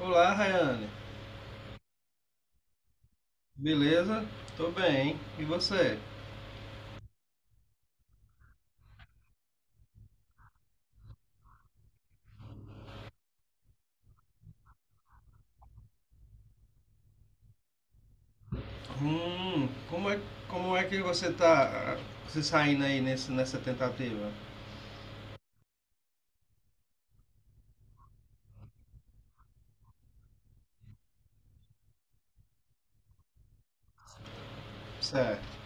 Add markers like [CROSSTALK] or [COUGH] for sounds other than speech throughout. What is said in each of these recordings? Olá, Rayane. Beleza? Tô bem. E você? Hum, como é, como é que você tá, se saindo aí nessa tentativa? Certo.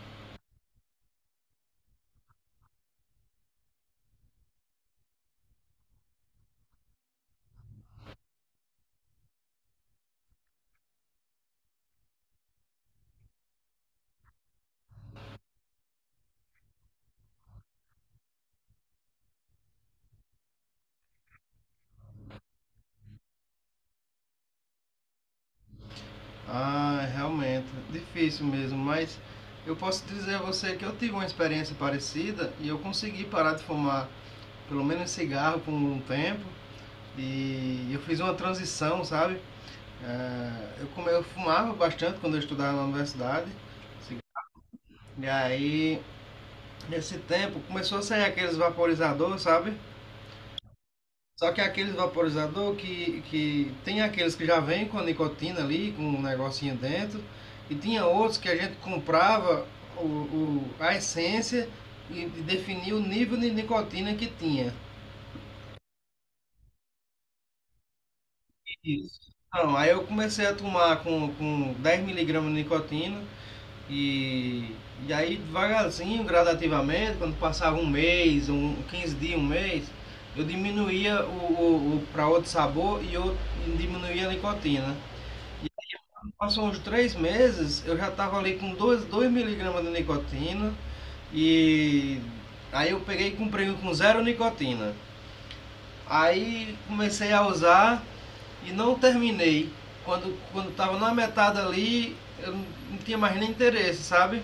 Ah, realmente, difícil mesmo, mas eu posso dizer a você que eu tive uma experiência parecida e eu consegui parar de fumar, pelo menos cigarro por um tempo, e eu fiz uma transição, sabe? Eu fumava bastante quando eu estudava na universidade, e aí nesse tempo começou a sair aqueles vaporizadores, sabe? Só que aqueles vaporizador que tem aqueles que já vem com a nicotina ali, com um negocinho dentro, e tinha outros que a gente comprava a essência e definia o nível de nicotina que tinha. Isso. Então, aí eu comecei a tomar com 10 miligramas de nicotina, E, e aí devagarzinho, gradativamente, quando passava um mês, um, 15 dias, um mês, eu diminuía o para outro sabor e eu diminuía a nicotina. Passou uns três meses, eu já estava ali com 2 miligramas de nicotina e aí eu peguei e comprei um com zero nicotina. Aí comecei a usar e não terminei. Quando estava na metade ali, eu não tinha mais nem interesse, sabe?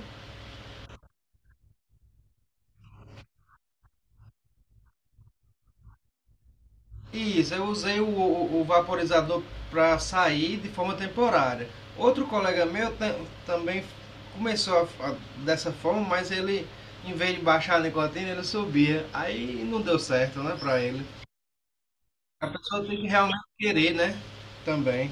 Isso, eu usei o vaporizador para sair de forma temporária. Outro colega meu também começou dessa forma, mas ele, em vez de baixar a nicotina, ele subia. Aí não deu certo, né, para ele. A pessoa tem que realmente querer, né, também.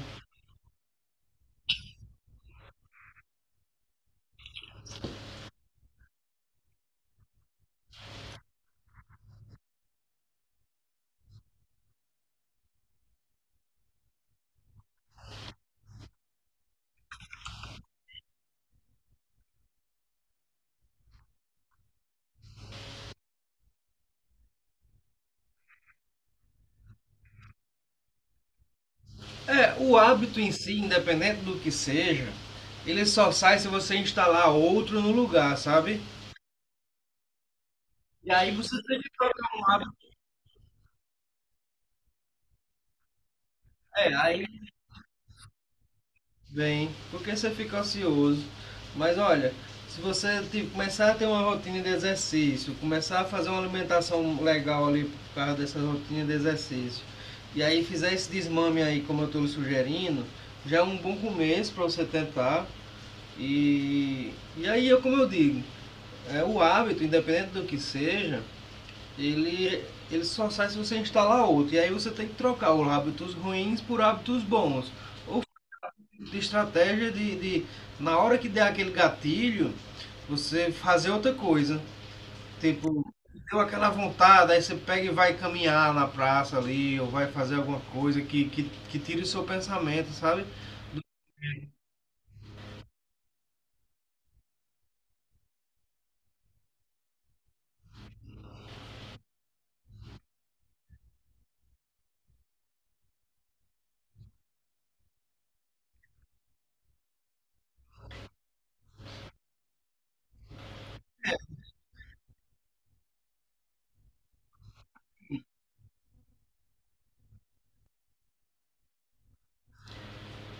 É, o hábito em si, independente do que seja, ele só sai se você instalar outro no lugar, sabe? E aí você tem que trocar um hábito. É, aí bem, porque você fica ocioso. Mas olha, se você, tipo, começar a ter uma rotina de exercício, começar a fazer uma alimentação legal ali por causa dessa rotina de exercício, e aí fizer esse desmame aí, como eu estou lhe sugerindo, já é um bom começo para você tentar. E aí, como eu digo, é, o hábito, independente do que seja, ele, ele só sai se você instalar outro. E aí você tem que trocar os hábitos ruins por hábitos bons de estratégia de, na hora que der aquele gatilho, você fazer outra coisa. Tipo, deu aquela vontade, aí você pega e vai caminhar na praça ali, ou vai fazer alguma coisa que tire o seu pensamento, sabe?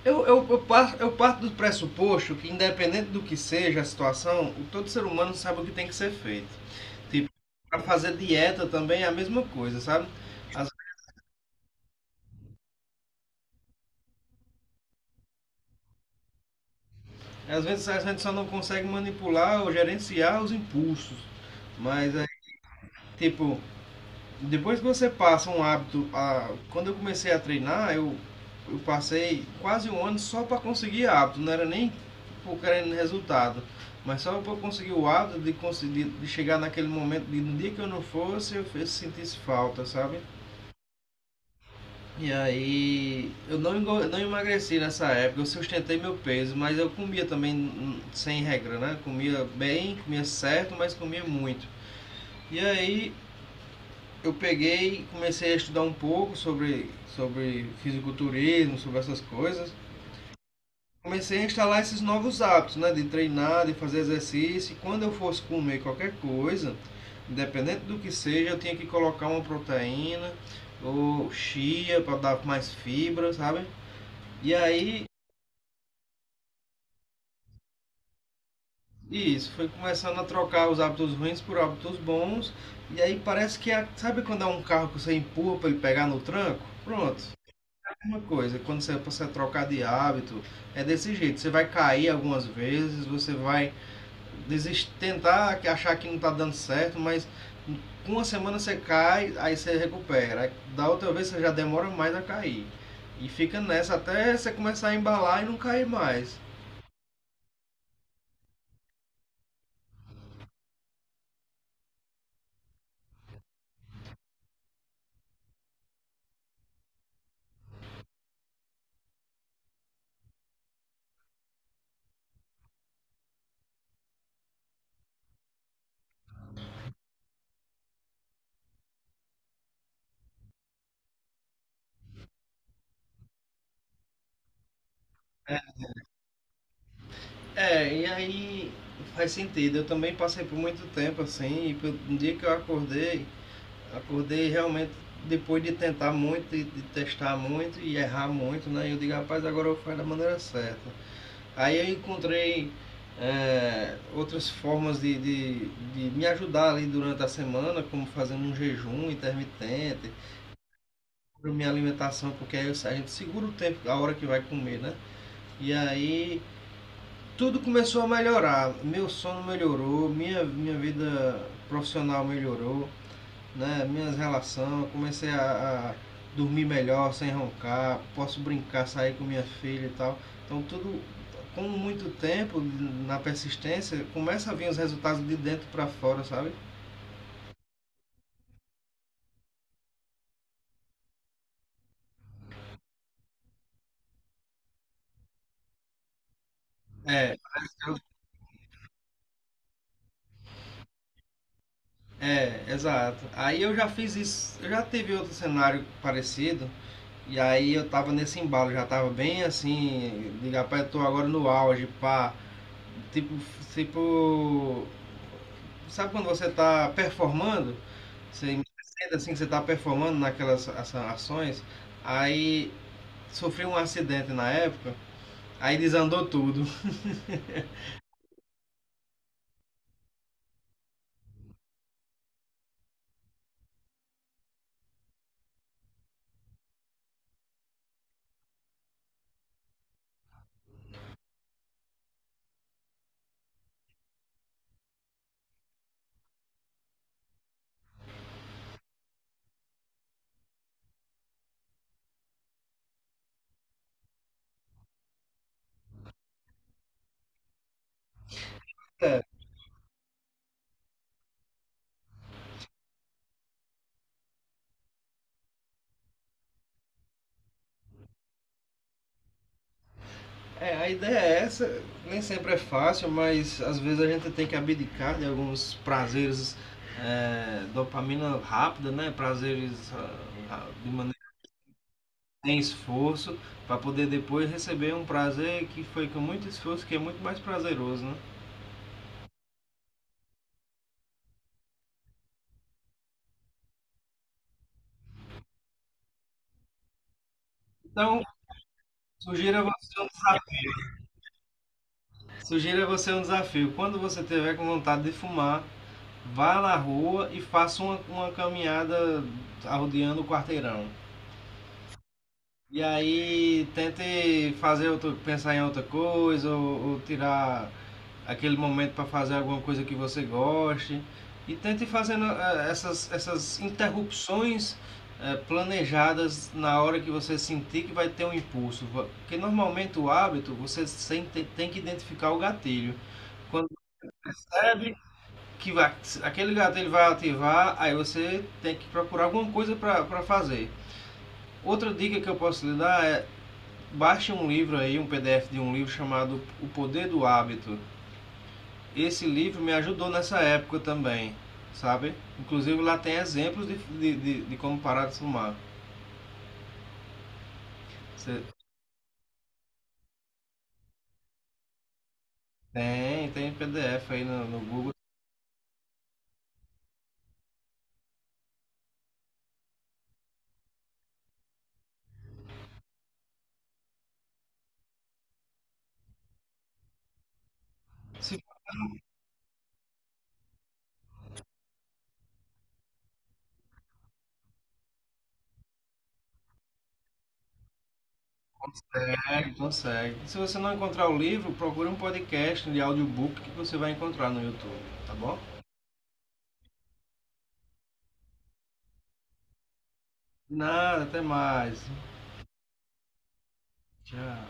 Eu parto do pressuposto que, independente do que seja a situação, todo ser humano sabe o que tem que ser feito. Tipo, para fazer dieta também é a mesma coisa, sabe? Às, às vezes a gente só não consegue manipular ou gerenciar os impulsos, mas tipo, depois que você passa um hábito. A... Quando eu comecei a treinar, eu passei quase um ano só para conseguir hábito, não era nem por querendo resultado. Mas só para conseguir o hábito de conseguir de chegar naquele momento de no dia que eu não fosse, eu sentisse falta, sabe? E aí eu não emagreci nessa época, eu sustentei meu peso, mas eu comia também sem regra, né? Comia bem, comia certo, mas comia muito. E aí eu peguei e comecei a estudar um pouco sobre fisiculturismo, sobre essas coisas. Comecei a instalar esses novos hábitos, né? De treinar, de fazer exercício. E quando eu fosse comer qualquer coisa, independente do que seja, eu tinha que colocar uma proteína ou chia para dar mais fibra, sabe? E aí, isso, foi começando a trocar os hábitos ruins por hábitos bons. E aí parece que, sabe quando é um carro que você empurra para ele pegar no tranco? Pronto, uma coisa, quando você trocar de hábito, é desse jeito. Você vai cair algumas vezes, você vai tentar achar que não está dando certo, mas com uma semana você cai, aí você recupera. Aí da outra vez você já demora mais a cair. E fica nessa até você começar a embalar e não cair mais. É, e aí faz sentido. Eu também passei por muito tempo assim, e no dia que eu acordei, acordei realmente depois de tentar muito, de testar muito e errar muito, né? Eu digo, rapaz, agora eu faço da maneira certa. Aí eu encontrei, é, outras formas de me ajudar ali durante a semana, como fazendo um jejum intermitente, para minha alimentação, porque aí a gente segura o tempo, a hora que vai comer, né? E aí tudo começou a melhorar. Meu sono melhorou, minha vida profissional melhorou, né, minhas relações, comecei a dormir melhor, sem roncar, posso brincar, sair com minha filha e tal. Então tudo com muito tempo na persistência, começa a vir os resultados de dentro para fora, sabe? É, é, exato. Aí eu já fiz isso, eu já tive outro cenário parecido, e aí eu tava nesse embalo, já tava bem assim, de rapaz, eu tô agora no auge, pá. Tipo, tipo. Sabe quando você está performando? Você sente assim que você está performando naquelas ações. Aí sofreu um acidente na época. Aí desandou tudo. [LAUGHS] É, é, a ideia é essa, nem sempre é fácil, mas às vezes a gente tem que abdicar de alguns prazeres, é, dopamina rápida, né? Prazeres, de maneira sem esforço, para poder depois receber um prazer que foi com muito esforço, que é muito mais prazeroso, né? Então, sugiro a você um desafio, sugiro a você um desafio. Quando você tiver com vontade de fumar, vá na rua e faça uma caminhada rodeando o quarteirão. E aí tente fazer outro, pensar em outra coisa, ou tirar aquele momento para fazer alguma coisa que você goste e tente fazendo essas interrupções planejadas na hora que você sentir que vai ter um impulso, porque normalmente o hábito você sente, tem que identificar o gatilho. Quando percebe que vai, aquele gatilho vai ativar, aí você tem que procurar alguma coisa para fazer. Outra dica que eu posso lhe dar é: baixe um livro aí, um PDF de um livro chamado O Poder do Hábito. Esse livro me ajudou nessa época também, sabe? Inclusive lá tem exemplos de, de como parar de fumar. Você tem PDF aí no Google. Se consegue, consegue. Se você não encontrar o livro, procure um podcast de audiobook que você vai encontrar no YouTube, tá bom? Nada, até mais. Tchau.